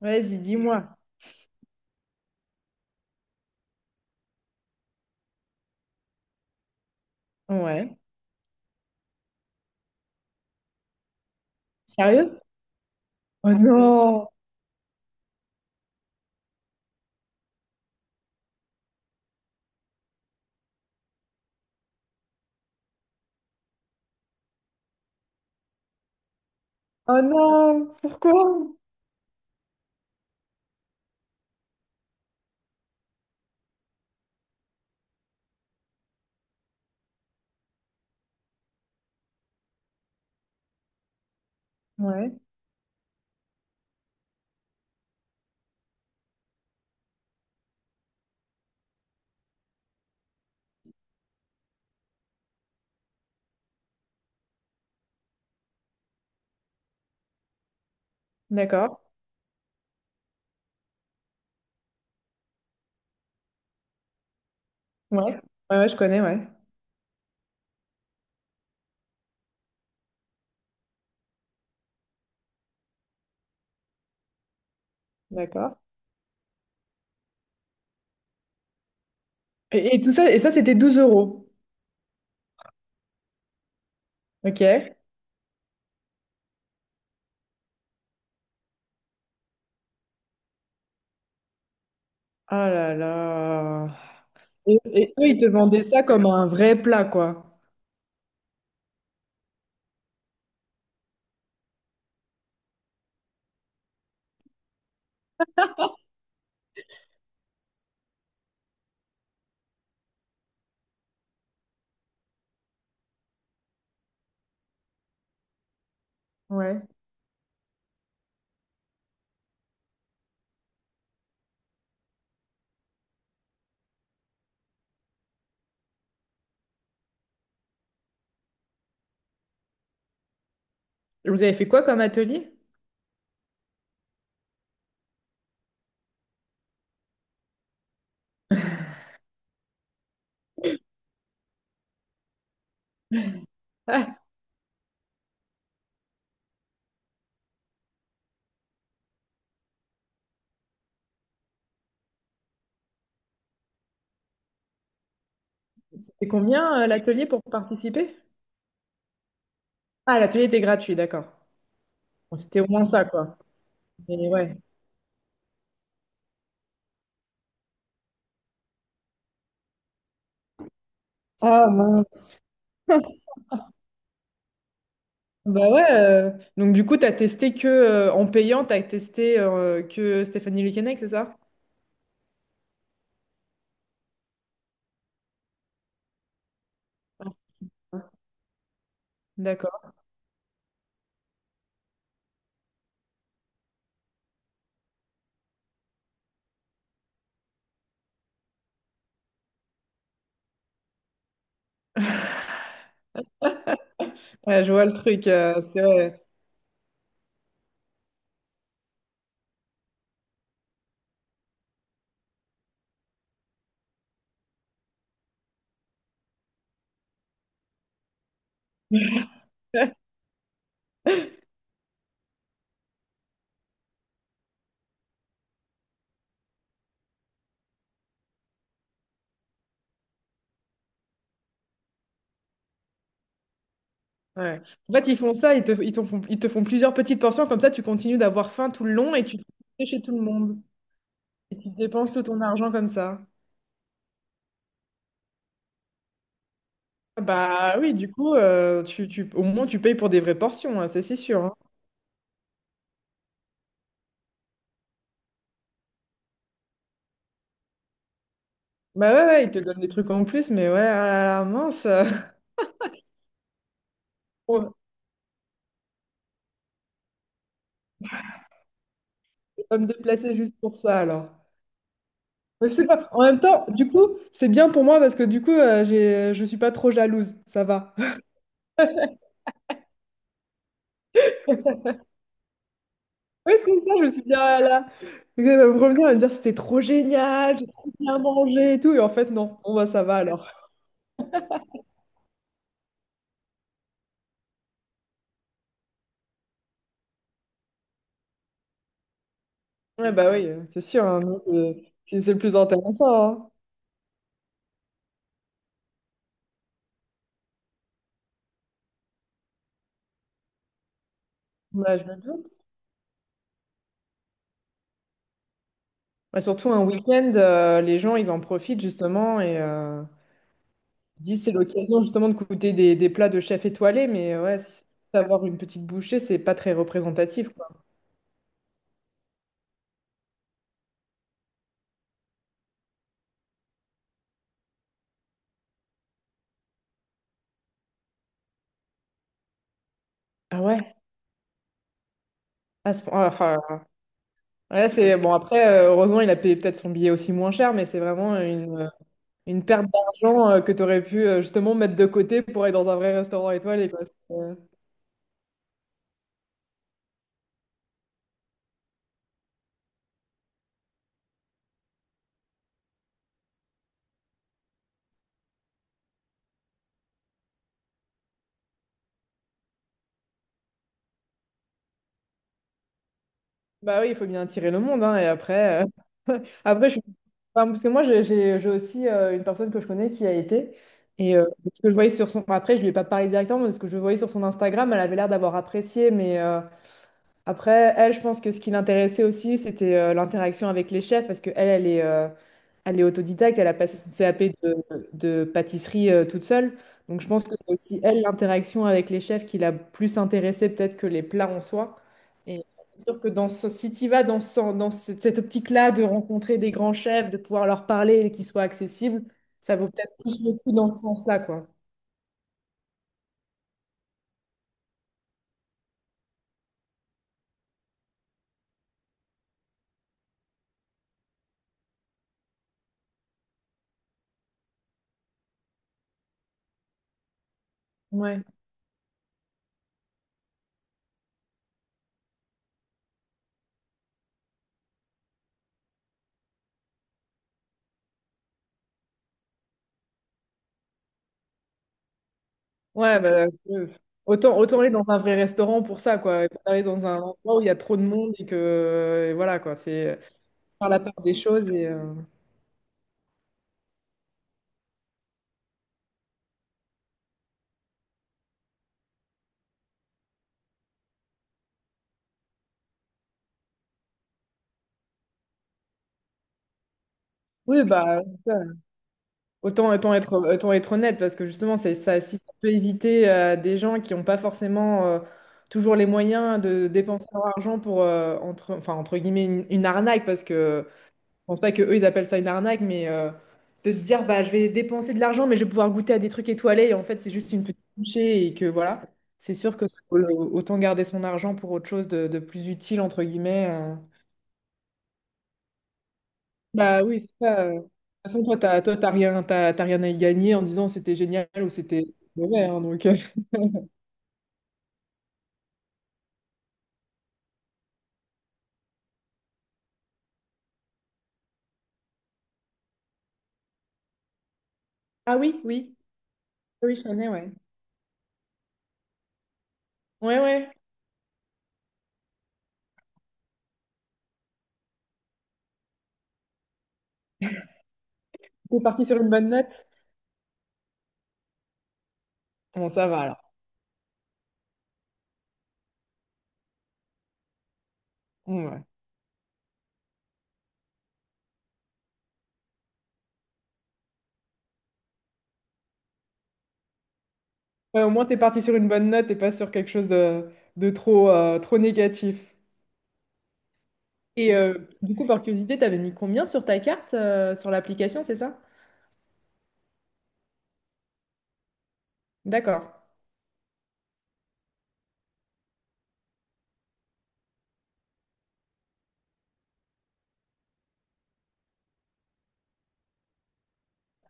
Vas-y, dis-moi. Ouais. Sérieux? Oh non! Oh non! Pourquoi? Ouais. D'accord. Ouais. Ouais, ouais, je connais, ouais. D'accord. Et tout ça, et ça, c'était douze euros. Ok. Ah là là. Et eux, ils te vendaient ça comme un vrai plat, quoi. Ouais. Et vous avez fait quoi comme atelier? Ah, c'était combien, l'atelier pour participer? Ah, l'atelier était gratuit, d'accord. Bon, c'était au moins ça, quoi. Mais ouais. Ah mince. Bah ouais, donc du coup, t'as testé que en payant, t'as testé que Stéphanie Lukenec, c'est ça? D'accord. Ouais, je vois le truc, c'est vrai. Ouais. En fait, ils font ça, ils t'en font, ils te font plusieurs petites portions, comme ça, tu continues d'avoir faim tout le long et tu fais chez tout le monde. Et tu dépenses tout ton argent comme ça. Bah oui, du coup, au moins, tu payes pour des vraies portions, hein, c'est sûr, hein. Bah ouais, ouais, ils te donnent des trucs en plus, mais ouais, ah là là, mince. Bon, je vais pas me déplacer juste pour ça alors. Mais c'est pas... En même temps, du coup, c'est bien pour moi parce que du coup, j'ai... Je suis pas trop jalouse, ça va. Oui, c'est ça, je me suis dit, ah là là. Elle va me revenir et me dire, c'était trop génial, j'ai trop bien mangé et tout. Et en fait, non, bon, bah, ça va alors. Ouais, bah oui, c'est sûr, hein, non, c'est le plus intéressant, hein. Bah, je me doute. Bah, surtout un week-end, les gens, ils en profitent justement et ils disent, c'est l'occasion justement de goûter des plats de chef étoilé, mais ouais, si c'est juste avoir une petite bouchée, c'est pas très représentatif, quoi. Ah ouais? À ce point- ah, ah. Ouais, c'est bon. Après, heureusement, il a payé peut-être son billet aussi moins cher, mais c'est vraiment une perte d'argent que tu aurais pu justement mettre de côté pour aller dans un vrai restaurant étoilé, quoi. C'est, euh. Bah oui, il faut bien attirer le monde, hein, et après, euh, après enfin, parce que moi, j'ai aussi une personne que je connais qui a été, et ce que je voyais sur son... Après, je lui ai pas parlé directement, mais ce que je voyais sur son Instagram, elle avait l'air d'avoir apprécié, mais après, elle, je pense que ce qui l'intéressait aussi, c'était l'interaction avec les chefs, parce que elle, elle est... Elle est autodidacte, elle a passé son CAP de pâtisserie toute seule. Donc je pense que c'est aussi elle, l'interaction avec les chefs, qui l'a plus intéressée peut-être que les plats en soi. Et c'est sûr que dans ce, si tu vas dans, cette optique-là de rencontrer des grands chefs, de pouvoir leur parler et qu'ils soient accessibles, ça vaut peut-être plus le coup dans ce sens-là, quoi. Ouais. Ouais, bah, autant, autant aller dans un vrai restaurant pour ça, quoi. Et pas aller dans un endroit où il y a trop de monde et que, et voilà, quoi. C'est faire la part des choses et... euh. Oui, bah, ouais. Autant, autant être honnête, parce que justement, c'est ça, si ça peut éviter des gens qui n'ont pas forcément toujours les moyens de dépenser leur argent pour, enfin, entre guillemets, une arnaque, parce que je pense pas que eux ils appellent ça une arnaque, mais de te dire, bah, je vais dépenser de l'argent, mais je vais pouvoir goûter à des trucs étoilés, et en fait, c'est juste une petite bouchée, et que voilà, c'est sûr que ça vaut le- autant garder son argent pour autre chose de plus utile, entre guillemets, euh. Bah oui, c'est ça, euh. De toute façon, toi, toi, t'as rien, t'as rien à y gagner en disant c'était génial ou c'était mauvais, hein, donc, euh. Ah oui, oui, oui, je connais, ouais. Ouais, ouais. T'es parti sur une bonne note? Bon, ça va alors. Bon, ouais. Ouais, au moins, t'es parti sur une bonne note et pas sur quelque chose de trop, trop négatif. Et du coup, par curiosité, t'avais mis combien sur ta carte, sur l'application, c'est ça? D'accord.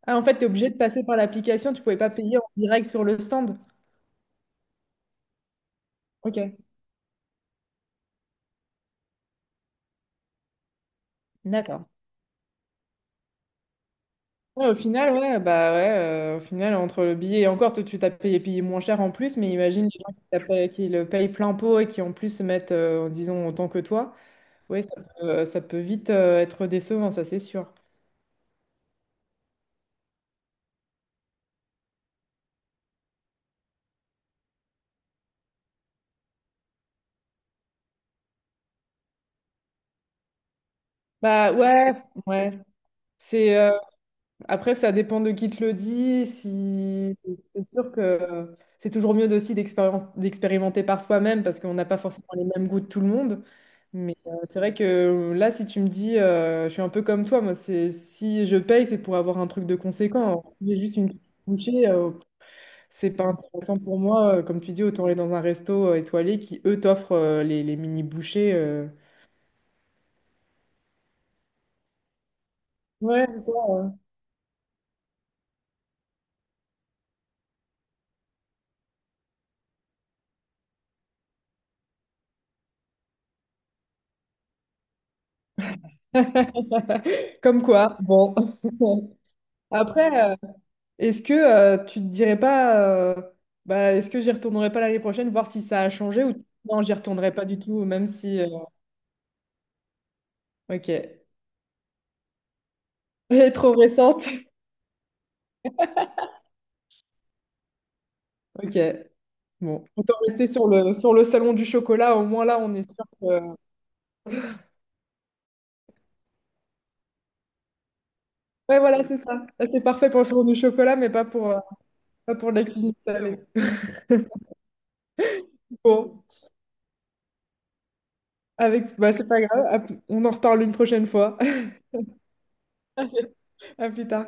Ah, en fait, t'es obligé de passer par l'application, tu pouvais pas payer en direct sur le stand. Ok. D'accord. Ouais, au final, ouais, bah ouais, au final, entre le billet et encore, toi, tu payé moins cher en plus, mais imagine les gens qui, qui le payent plein pot et qui en plus se mettent, disons, autant que toi. Ouais, ça peut vite être décevant, ça c'est sûr. Bah ouais, ouais. C'est, euh. Après, ça dépend de qui te le dit. Si... C'est sûr que c'est toujours mieux aussi d'expérimenter par soi-même parce qu'on n'a pas forcément les mêmes goûts de tout le monde. Mais c'est vrai que là, si tu me dis, je suis un peu comme toi, moi, c'est si je paye, c'est pour avoir un truc de conséquent. Alors, si j'ai juste une petite bouchée, c'est pas intéressant pour moi. Comme tu dis, autant aller dans un resto étoilé qui, eux, t'offrent les mini bouchées, euh. Ouais, c'est ça. Comme quoi, bon. Après, est-ce que tu te dirais pas, bah, est-ce que j'y retournerai pas l'année prochaine, voir si ça a changé ou non, j'y retournerai pas du tout, même si, euh. Ok. Elle est trop récente. Ok. Bon. Autant rester sur sur le salon du chocolat, au moins là, on est sûr que. Ouais, voilà, c'est ça. Là, c'est parfait pour le salon du chocolat, mais pas pour, pas pour de la cuisine salée. Bon. Avec... Bah, c'est pas grave. À plus- On en reparle une prochaine fois. À plus tard.